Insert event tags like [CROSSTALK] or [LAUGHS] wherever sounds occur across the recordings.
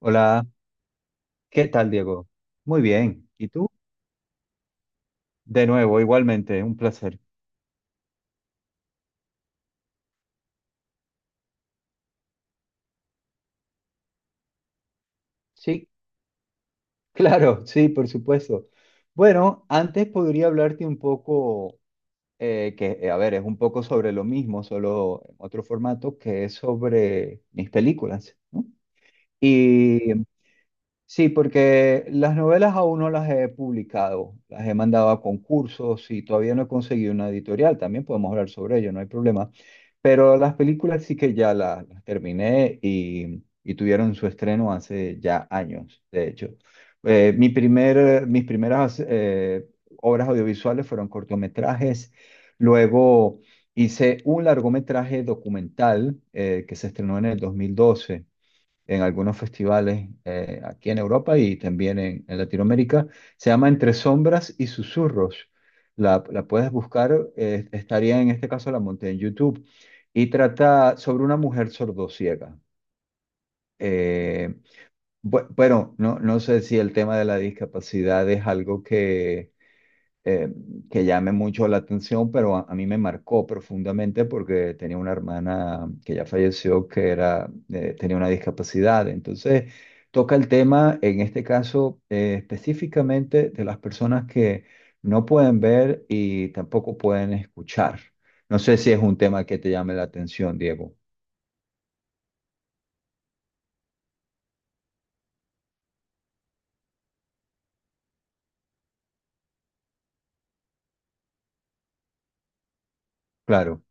Hola, ¿qué tal, Diego? Muy bien. ¿Y tú? De nuevo, igualmente, un placer. Sí, [LAUGHS] claro, sí, por supuesto. Bueno, antes podría hablarte un poco, a ver, es un poco sobre lo mismo, solo en otro formato, que es sobre mis películas, ¿no? Y sí, porque las novelas aún no las he publicado, las he mandado a concursos y todavía no he conseguido una editorial, también podemos hablar sobre ello, no hay problema. Pero las películas sí que ya las terminé y tuvieron su estreno hace ya años, de hecho. Mi primer, mis primeras obras audiovisuales fueron cortometrajes. Luego hice un largometraje documental que se estrenó en el 2012 en algunos festivales aquí en Europa y también en Latinoamérica. Se llama Entre sombras y susurros. La puedes buscar, estaría en este caso la monté en YouTube. Y trata sobre una mujer sordociega. Eh, bueno, no, no sé si el tema de la discapacidad es algo eh, que llame mucho la atención, pero a mí me marcó profundamente porque tenía una hermana que ya falleció que era, tenía una discapacidad. Entonces, toca el tema, en este caso, específicamente de las personas que no pueden ver y tampoco pueden escuchar. No sé si es un tema que te llame la atención, Diego. Claro.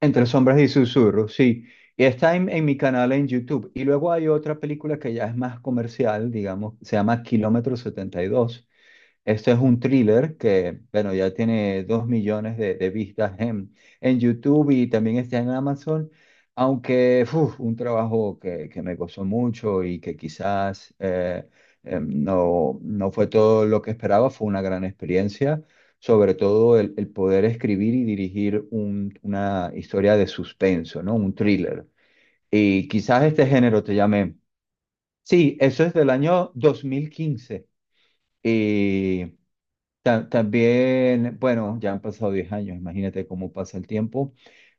Entre sombras y susurros, sí. Y está en mi canal en YouTube. Y luego hay otra película que ya es más comercial, digamos, se llama Kilómetro 72. Esto es un thriller que, bueno, ya tiene 2.000.000 de vistas en YouTube y también está en Amazon, aunque uf, un trabajo que me gozó mucho y que quizás no, no fue todo lo que esperaba, fue una gran experiencia, sobre todo el poder escribir y dirigir un- una historia de suspenso, ¿no? Un thriller. Y quizás este género te llame. Sí, eso es del año 2015. Y ta- también, bueno, ya han pasado 10 años, imagínate cómo pasa el tiempo,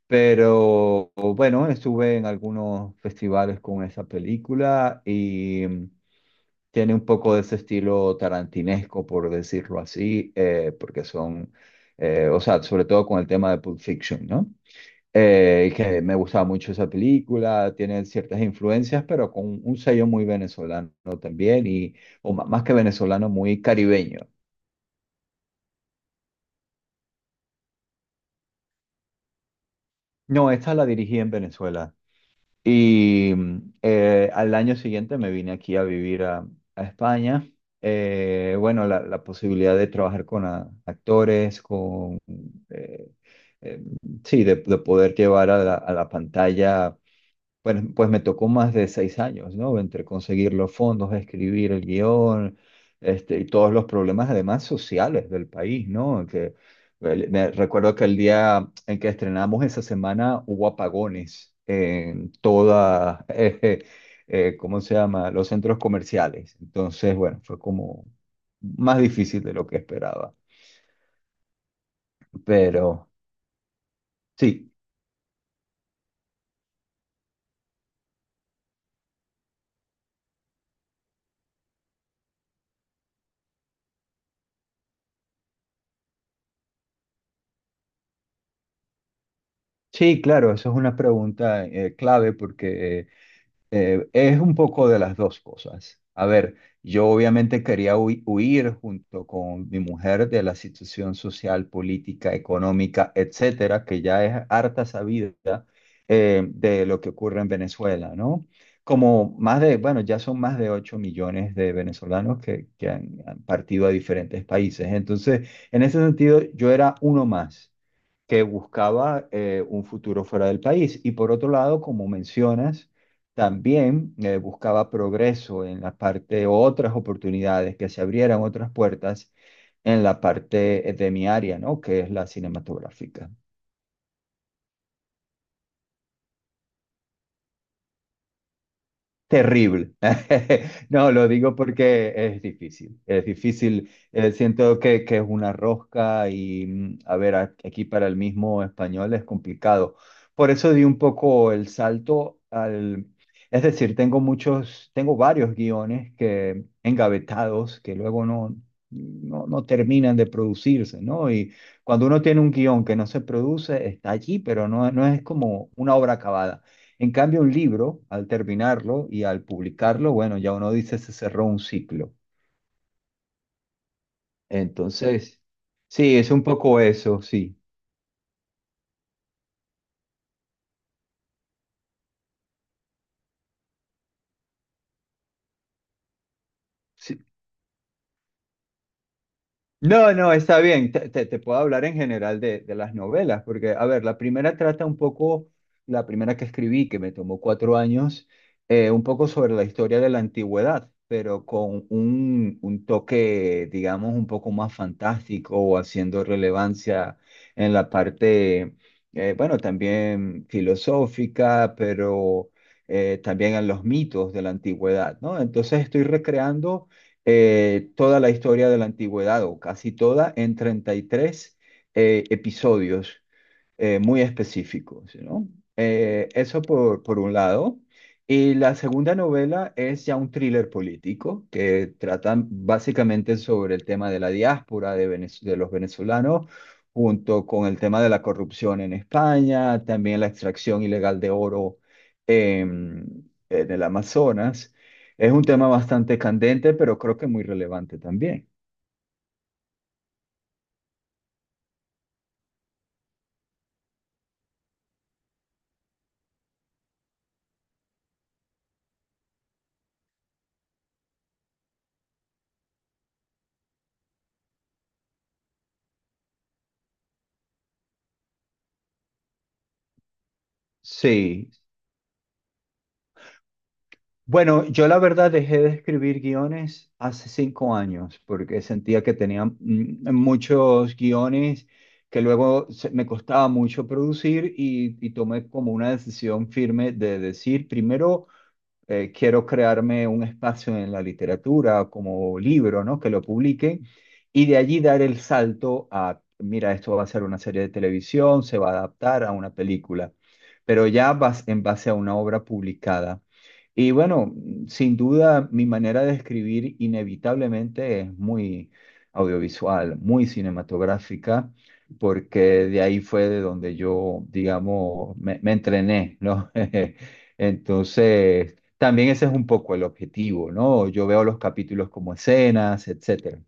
pero bueno, estuve en algunos festivales con esa película y mm, tiene un poco de ese estilo tarantinesco, por decirlo así, porque son, o sea, sobre todo con el tema de Pulp Fiction, ¿no? Que me gustaba mucho esa película, tiene ciertas influencias, pero con un sello muy venezolano también, y, o ma- más que venezolano, muy caribeño. No, esta la dirigí en Venezuela. Y al año siguiente me vine aquí a vivir a España. Bueno, la posibilidad de trabajar con a- actores, con... eh, eh, sí, de poder llevar a la pantalla bueno, pues me tocó más de 6 años, ¿no? Entre conseguir los fondos, escribir el guión, este, y todos los problemas, además, sociales del país, ¿no? Que, el- me recuerdo que el día en que estrenamos esa semana hubo apagones en toda, [LAUGHS] ¿cómo se llama? Los centros comerciales. Entonces, bueno, fue como más difícil de lo que esperaba. Pero sí, sí, claro, eso es una pregunta, clave porque... Es un poco de las dos cosas. A ver, yo obviamente quería hui- huir junto con mi mujer de la situación social, política, económica, etcétera, que ya es harta sabida de lo que ocurre en Venezuela, ¿no? Como más de, bueno, ya son más de 8.000.000 de venezolanos que han, han partido a diferentes países. Entonces, en ese sentido, yo era uno más que buscaba un futuro fuera del país. Y por otro lado, como mencionas, también buscaba progreso en la parte, otras oportunidades, que se abrieran otras puertas en la parte de mi área, ¿no? Que es la cinematográfica. Terrible. [LAUGHS] No, lo digo porque es difícil. Es difícil. Siento que es una rosca y, mm, a ver, a- aquí para el mismo español es complicado. Por eso di un poco el salto al... Es decir, tengo muchos, tengo varios guiones que engavetados que luego no terminan de producirse, ¿no? Y cuando uno tiene un guión que no se produce, está allí, pero no, no es como una obra acabada. En cambio, un libro, al terminarlo y al publicarlo, bueno, ya uno dice se cerró un ciclo. Entonces, sí, es un poco eso, sí. Sí, no, no, está bien. Te puedo hablar en general de las novelas, porque, a ver, la primera trata un poco, la primera que escribí, que me tomó 4 años, un poco sobre la historia de la antigüedad, pero con un toque, digamos, un poco más fantástico o haciendo relevancia en la parte, bueno, también filosófica, pero también en los mitos de la antigüedad, ¿no? Entonces estoy recreando toda la historia de la antigüedad, o casi toda, en 33 episodios muy específicos, ¿no? Eso por un lado. Y la segunda novela es ya un thriller político que trata básicamente sobre el tema de la diáspora de, Venez- de los venezolanos, junto con el tema de la corrupción en España, también la extracción ilegal de oro en el Amazonas. Es un tema bastante candente, pero creo que muy relevante también. Sí, bueno, yo la verdad dejé de escribir guiones hace 5 años porque sentía que tenía mm, muchos guiones que luego se- me costaba mucho producir y tomé como una decisión firme de decir, primero quiero crearme un espacio en la literatura como libro, ¿no? Que lo publiquen y de allí dar el salto a, mira, esto va a ser una serie de televisión, se va a adaptar a una película, pero ya vas en base a una obra publicada. Y bueno, sin duda mi manera de escribir inevitablemente es muy audiovisual, muy cinematográfica, porque de ahí fue de donde yo, digamos, me entrené, ¿no? [LAUGHS] Entonces, también ese es un poco el objetivo, ¿no? Yo veo los capítulos como escenas, etcétera.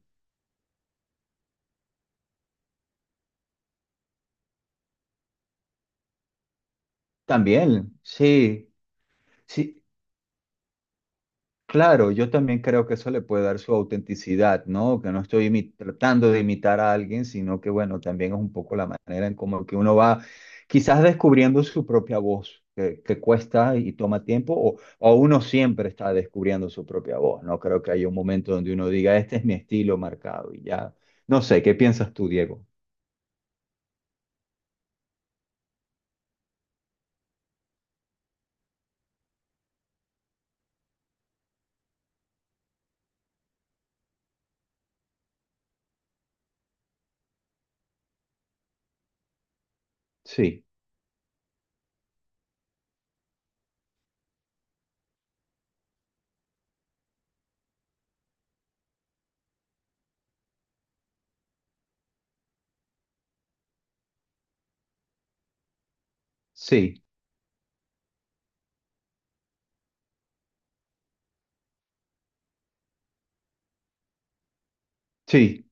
También, sí, sí, claro, yo también creo que eso le puede dar su autenticidad, ¿no? Que no estoy imi- tratando de imitar a alguien, sino que, bueno, también es un poco la manera en como que uno va quizás descubriendo su propia voz, que cuesta y toma tiempo, o uno siempre está descubriendo su propia voz, ¿no? Creo que hay un momento donde uno diga, este es mi estilo marcado y ya. No sé, ¿qué piensas tú, Diego? Sí, sí. Sí,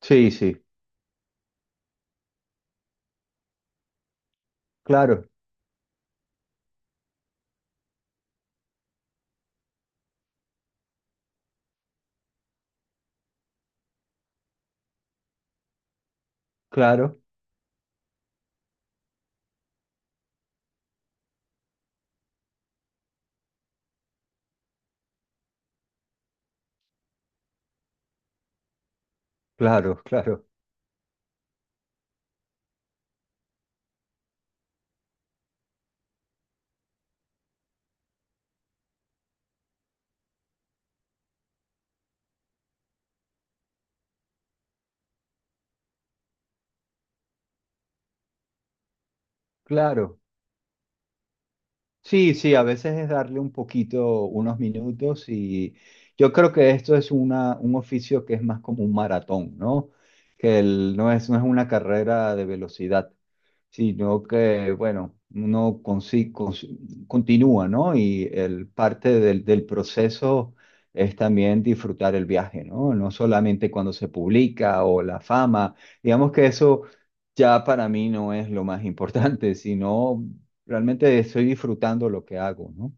sí, sí, claro, claro, claro, claro, claro. Sí, sí, a veces es darle un poquito, unos minutos y yo creo que esto es una, un oficio que es más como un maratón, ¿no? Que el- no es, no es una carrera de velocidad, sino que, bueno, uno consi- cons- continúa, ¿no? Y el parte del, del proceso es también disfrutar el viaje, ¿no? No solamente cuando se publica o la fama, digamos que eso ya para mí no es lo más importante, sino realmente estoy disfrutando lo que hago, ¿no?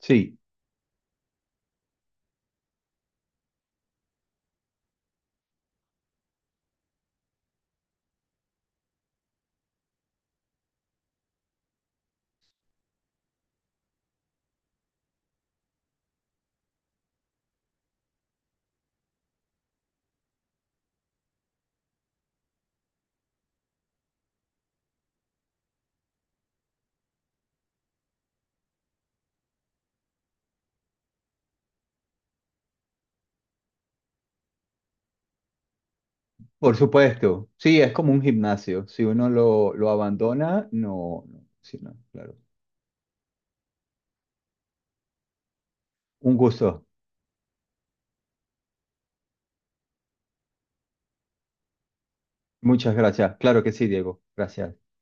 Sí, por supuesto. Sí, es como un gimnasio. Si uno lo abandona, no, no, sí, no, claro. Un gusto. Muchas gracias. Claro que sí, Diego. Gracias.